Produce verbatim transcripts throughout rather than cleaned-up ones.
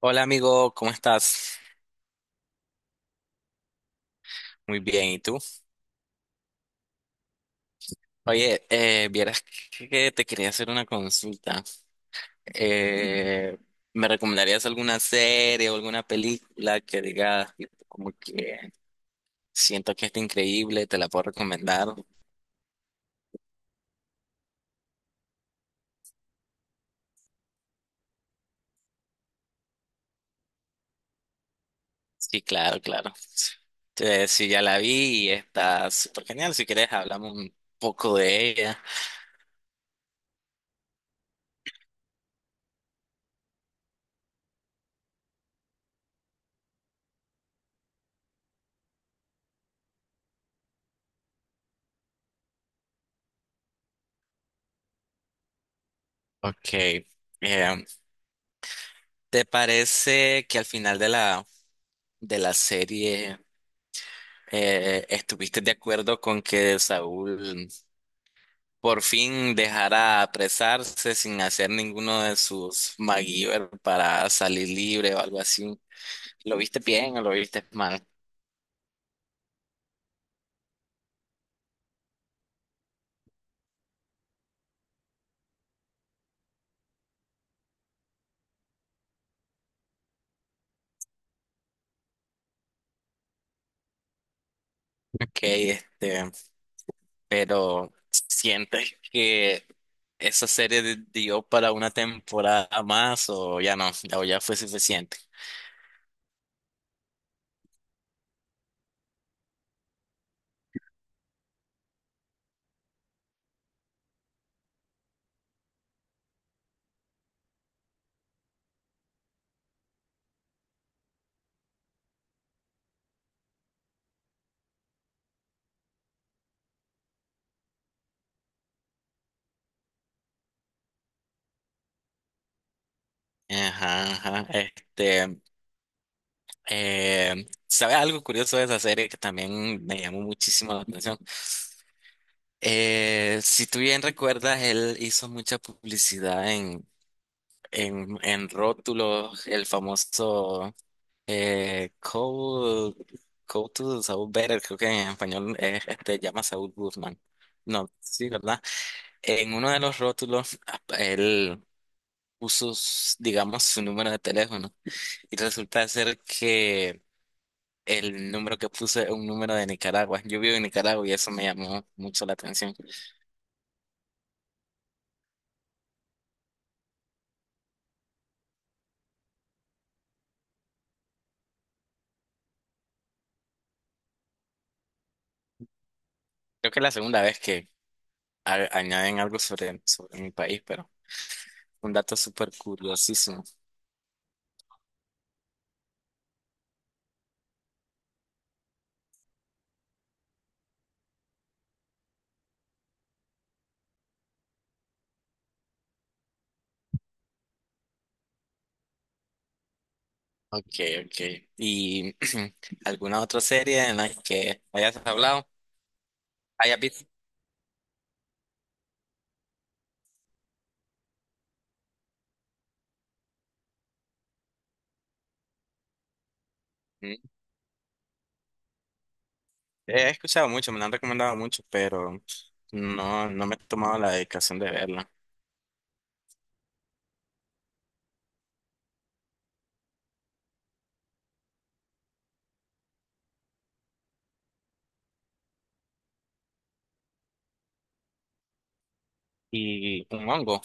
Hola amigo, ¿cómo estás? Muy bien, ¿y tú? Oye, eh, vieras que te quería hacer una consulta. Eh, ¿Me recomendarías alguna serie o alguna película que digas tipo, como que siento que está increíble, te la puedo recomendar? Sí, claro, claro. Eh, sí, ya la vi y está súper genial. Si quieres, hablamos un poco de ella. Ok. eh, ¿Te parece que al final de la, de la serie, eh, estuviste de acuerdo con que Saúl por fin dejara apresarse sin hacer ninguno de sus MacGyver para salir libre o algo así? ¿Lo viste bien o lo viste mal? Ok, este, pero ¿sientes que esa serie di- dio para una temporada más o ya no, o ya fue suficiente? Ajá, ajá, este, eh, ¿sabes algo curioso de esa serie que también me llamó muchísimo la atención? Eh, si tú bien recuerdas, él hizo mucha publicidad en, en, en rótulos, el famoso eh, Code, Code to Saul Better, creo que en español es, este, llama Saul Goodman. No, sí, ¿verdad? En uno de los rótulos, él puso, s- digamos, su número de teléfono y resulta ser que el número que puso es un número de Nicaragua. Yo vivo en Nicaragua y eso me llamó mucho la atención. Creo que es la segunda vez que a- añaden algo sobre, sobre mi país, pero un dato súper curiosísimo. Ok, ok. ¿Y alguna otra serie en la que hayas hablado? ¿Hayas visto? Mm, He escuchado mucho, me la han recomendado mucho, pero no, no me he tomado la dedicación de verla. ¿Y un hongo?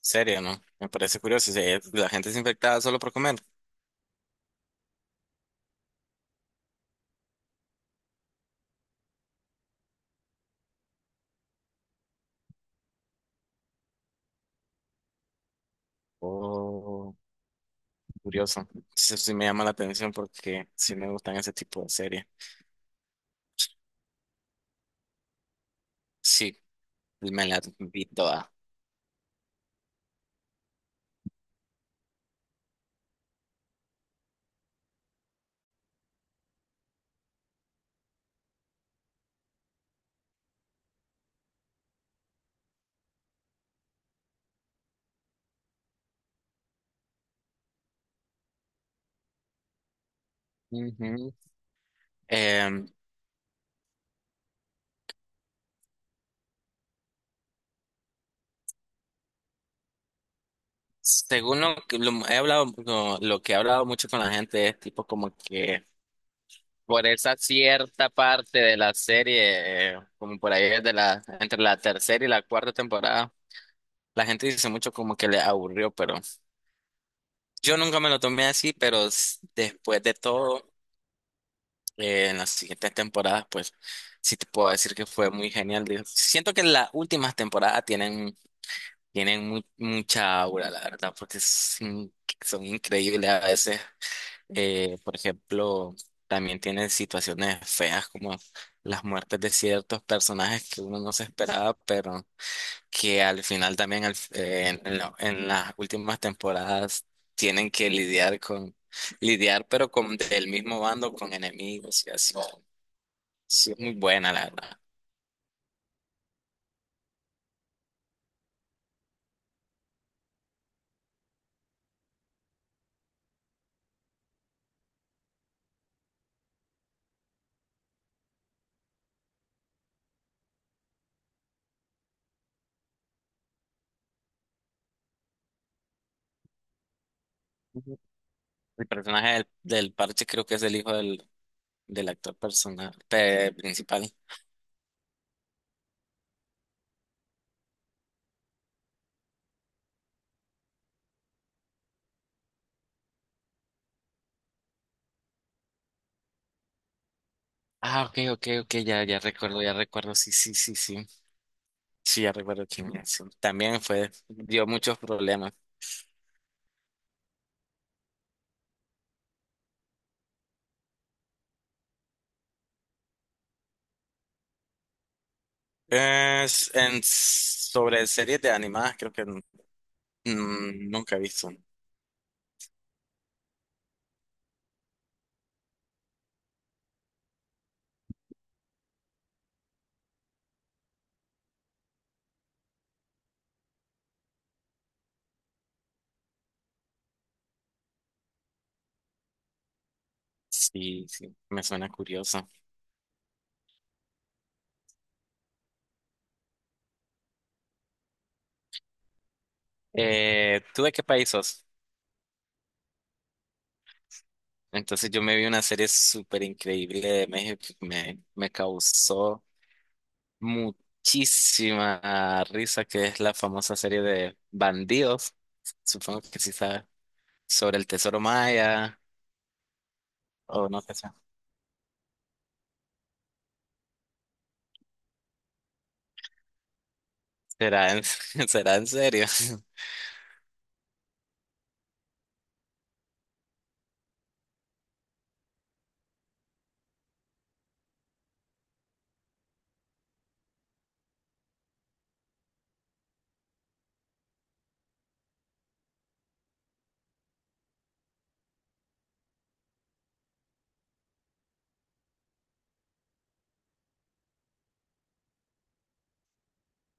serio? ¿No? Me parece curioso. Si es- La gente es infectada solo por comer. Oh, curioso. Eso sí me llama la atención porque sí me gustan ese tipo de series. Sí, me la vi toda. Ujú. Em, Según lo que lo he hablado, lo, lo que he hablado mucho con la gente es tipo como que por esa cierta parte de la serie, eh, como por ahí de la, entre la tercera y la cuarta temporada, la gente dice mucho como que le aburrió, pero yo nunca me lo tomé así, pero s- después de todo, eh, en las siguientes temporadas, pues sí te puedo decir que fue muy genial. Digo, siento que las últimas temporadas tienen, tienen mu- mucha aura, la verdad, porque es in- son increíbles a veces. Eh, por ejemplo, también tiene situaciones feas como las muertes de ciertos personajes que uno no se esperaba, pero que al final también al- eh, en, en la- en las últimas temporadas tienen que lidiar con, lidiar pero con del mismo bando, con enemigos y así. Sí, es muy buena, la verdad. Ujú. El personaje del, del parche creo que es el hijo del, del actor personal, pe- principal. Ah, ok, ok, ok, ya, ya recuerdo, ya recuerdo, sí, sí, sí, sí. Sí, ya recuerdo quién es. También fue, dio muchos problemas. Es en, sobre series de animadas, creo que mm, nunca he visto. Sí, sí, me suena curioso. Eh, ¿tú de qué país sos? Entonces yo me vi una serie súper increíble de México que me, me causó muchísima risa, que es la famosa serie de Bandidos, supongo que sí sabes, sobre el tesoro maya, o no sé, será en, ¿será en serio?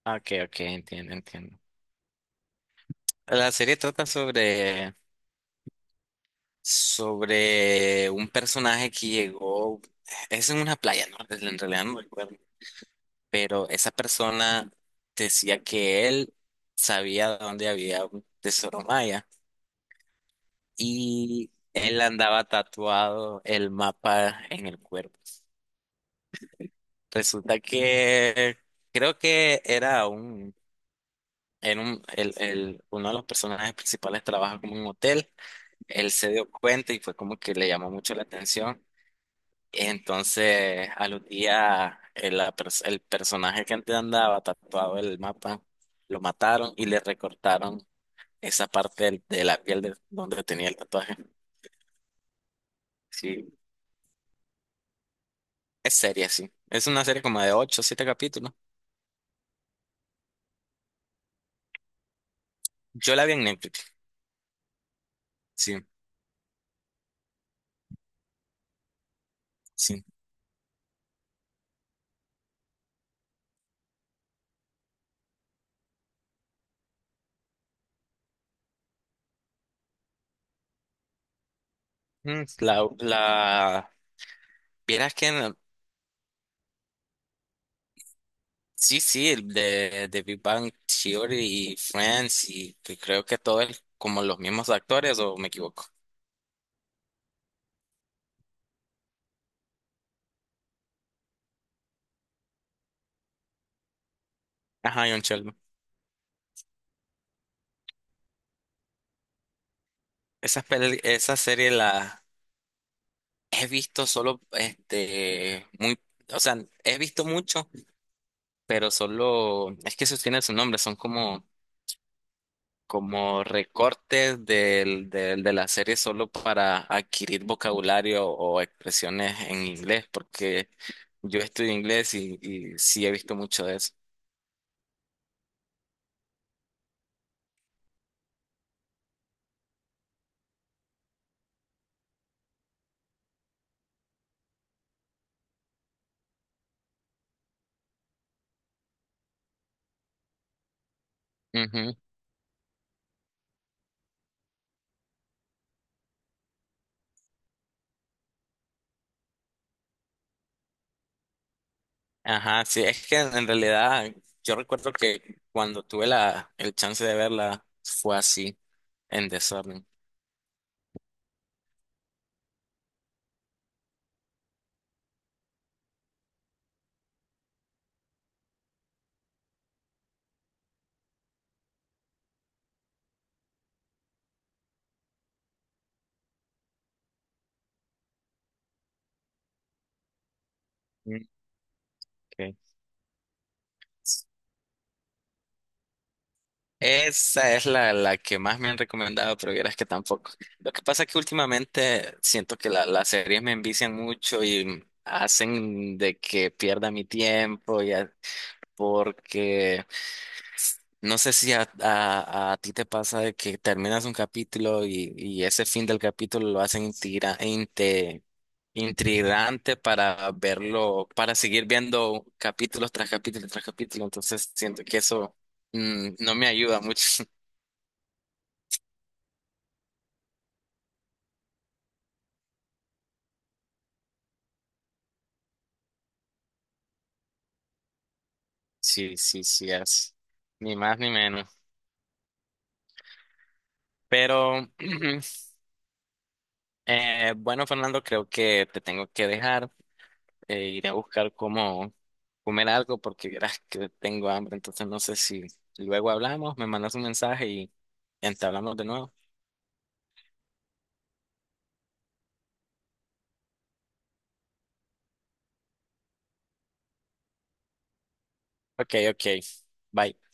Ah, ok, ok, entiendo, entiendo. La serie trata sobre, sobre un personaje que llegó, es en una playa, ¿no? Pues, en realidad no recuerdo, pero esa persona decía que él sabía dónde había un tesoro maya y él andaba tatuado el mapa en el cuerpo. Resulta que creo que era un... En un, el, el, uno de los personajes principales trabaja como en un hotel. Él se dio cuenta y fue como que le llamó mucho la atención. Entonces, al los días, el, la pers- el personaje que antes andaba tatuado en el mapa, lo mataron y le recortaron esa parte del- de la piel de donde tenía el tatuaje. Sí, es serie, sí. Es una serie como de ocho o siete capítulos. Yo la vi en Netflix. Sí, sí. Mm, La, la, vieras que no- Sí, sí, el de, de Big Bang Theory y Friends y que creo que todo es como los mismos actores o me equivoco. Ajá, John Sheldon. Esa, pel- esa serie la he visto solo, este, muy, o sea, he visto mucho, pero solo, es que eso tiene su nombre, son como, como recortes del, del, de la serie solo para adquirir vocabulario o expresiones en inglés, porque yo estudio inglés y, y sí he visto mucho de eso. Ajá, sí, es que en en realidad yo recuerdo que cuando tuve la, el chance de verla fue así, en desorden. Mm, ok. Esa es la, la que más me han recomendado, pero vieras que tampoco. Lo que pasa es que últimamente siento que la- las series me envician mucho y hacen de que pierda mi tiempo, ya, porque no sé si a, a- a ti te pasa de que terminas un capítulo y, y ese fin del capítulo lo hacen intrigra- inte- intrigante para verlo, para seguir viendo capítulos tras capítulo tras capítulo. Entonces siento que eso mm, no me ayuda mucho. Sí, sí, sí, es ni más ni menos. Pero eh, bueno, Fernando, creo que te tengo que dejar. Eh, iré a buscar cómo comer algo porque verás que tengo hambre, entonces no sé si luego hablamos, me mandas un mensaje y entablamos de nuevo. Ok, ok, bye.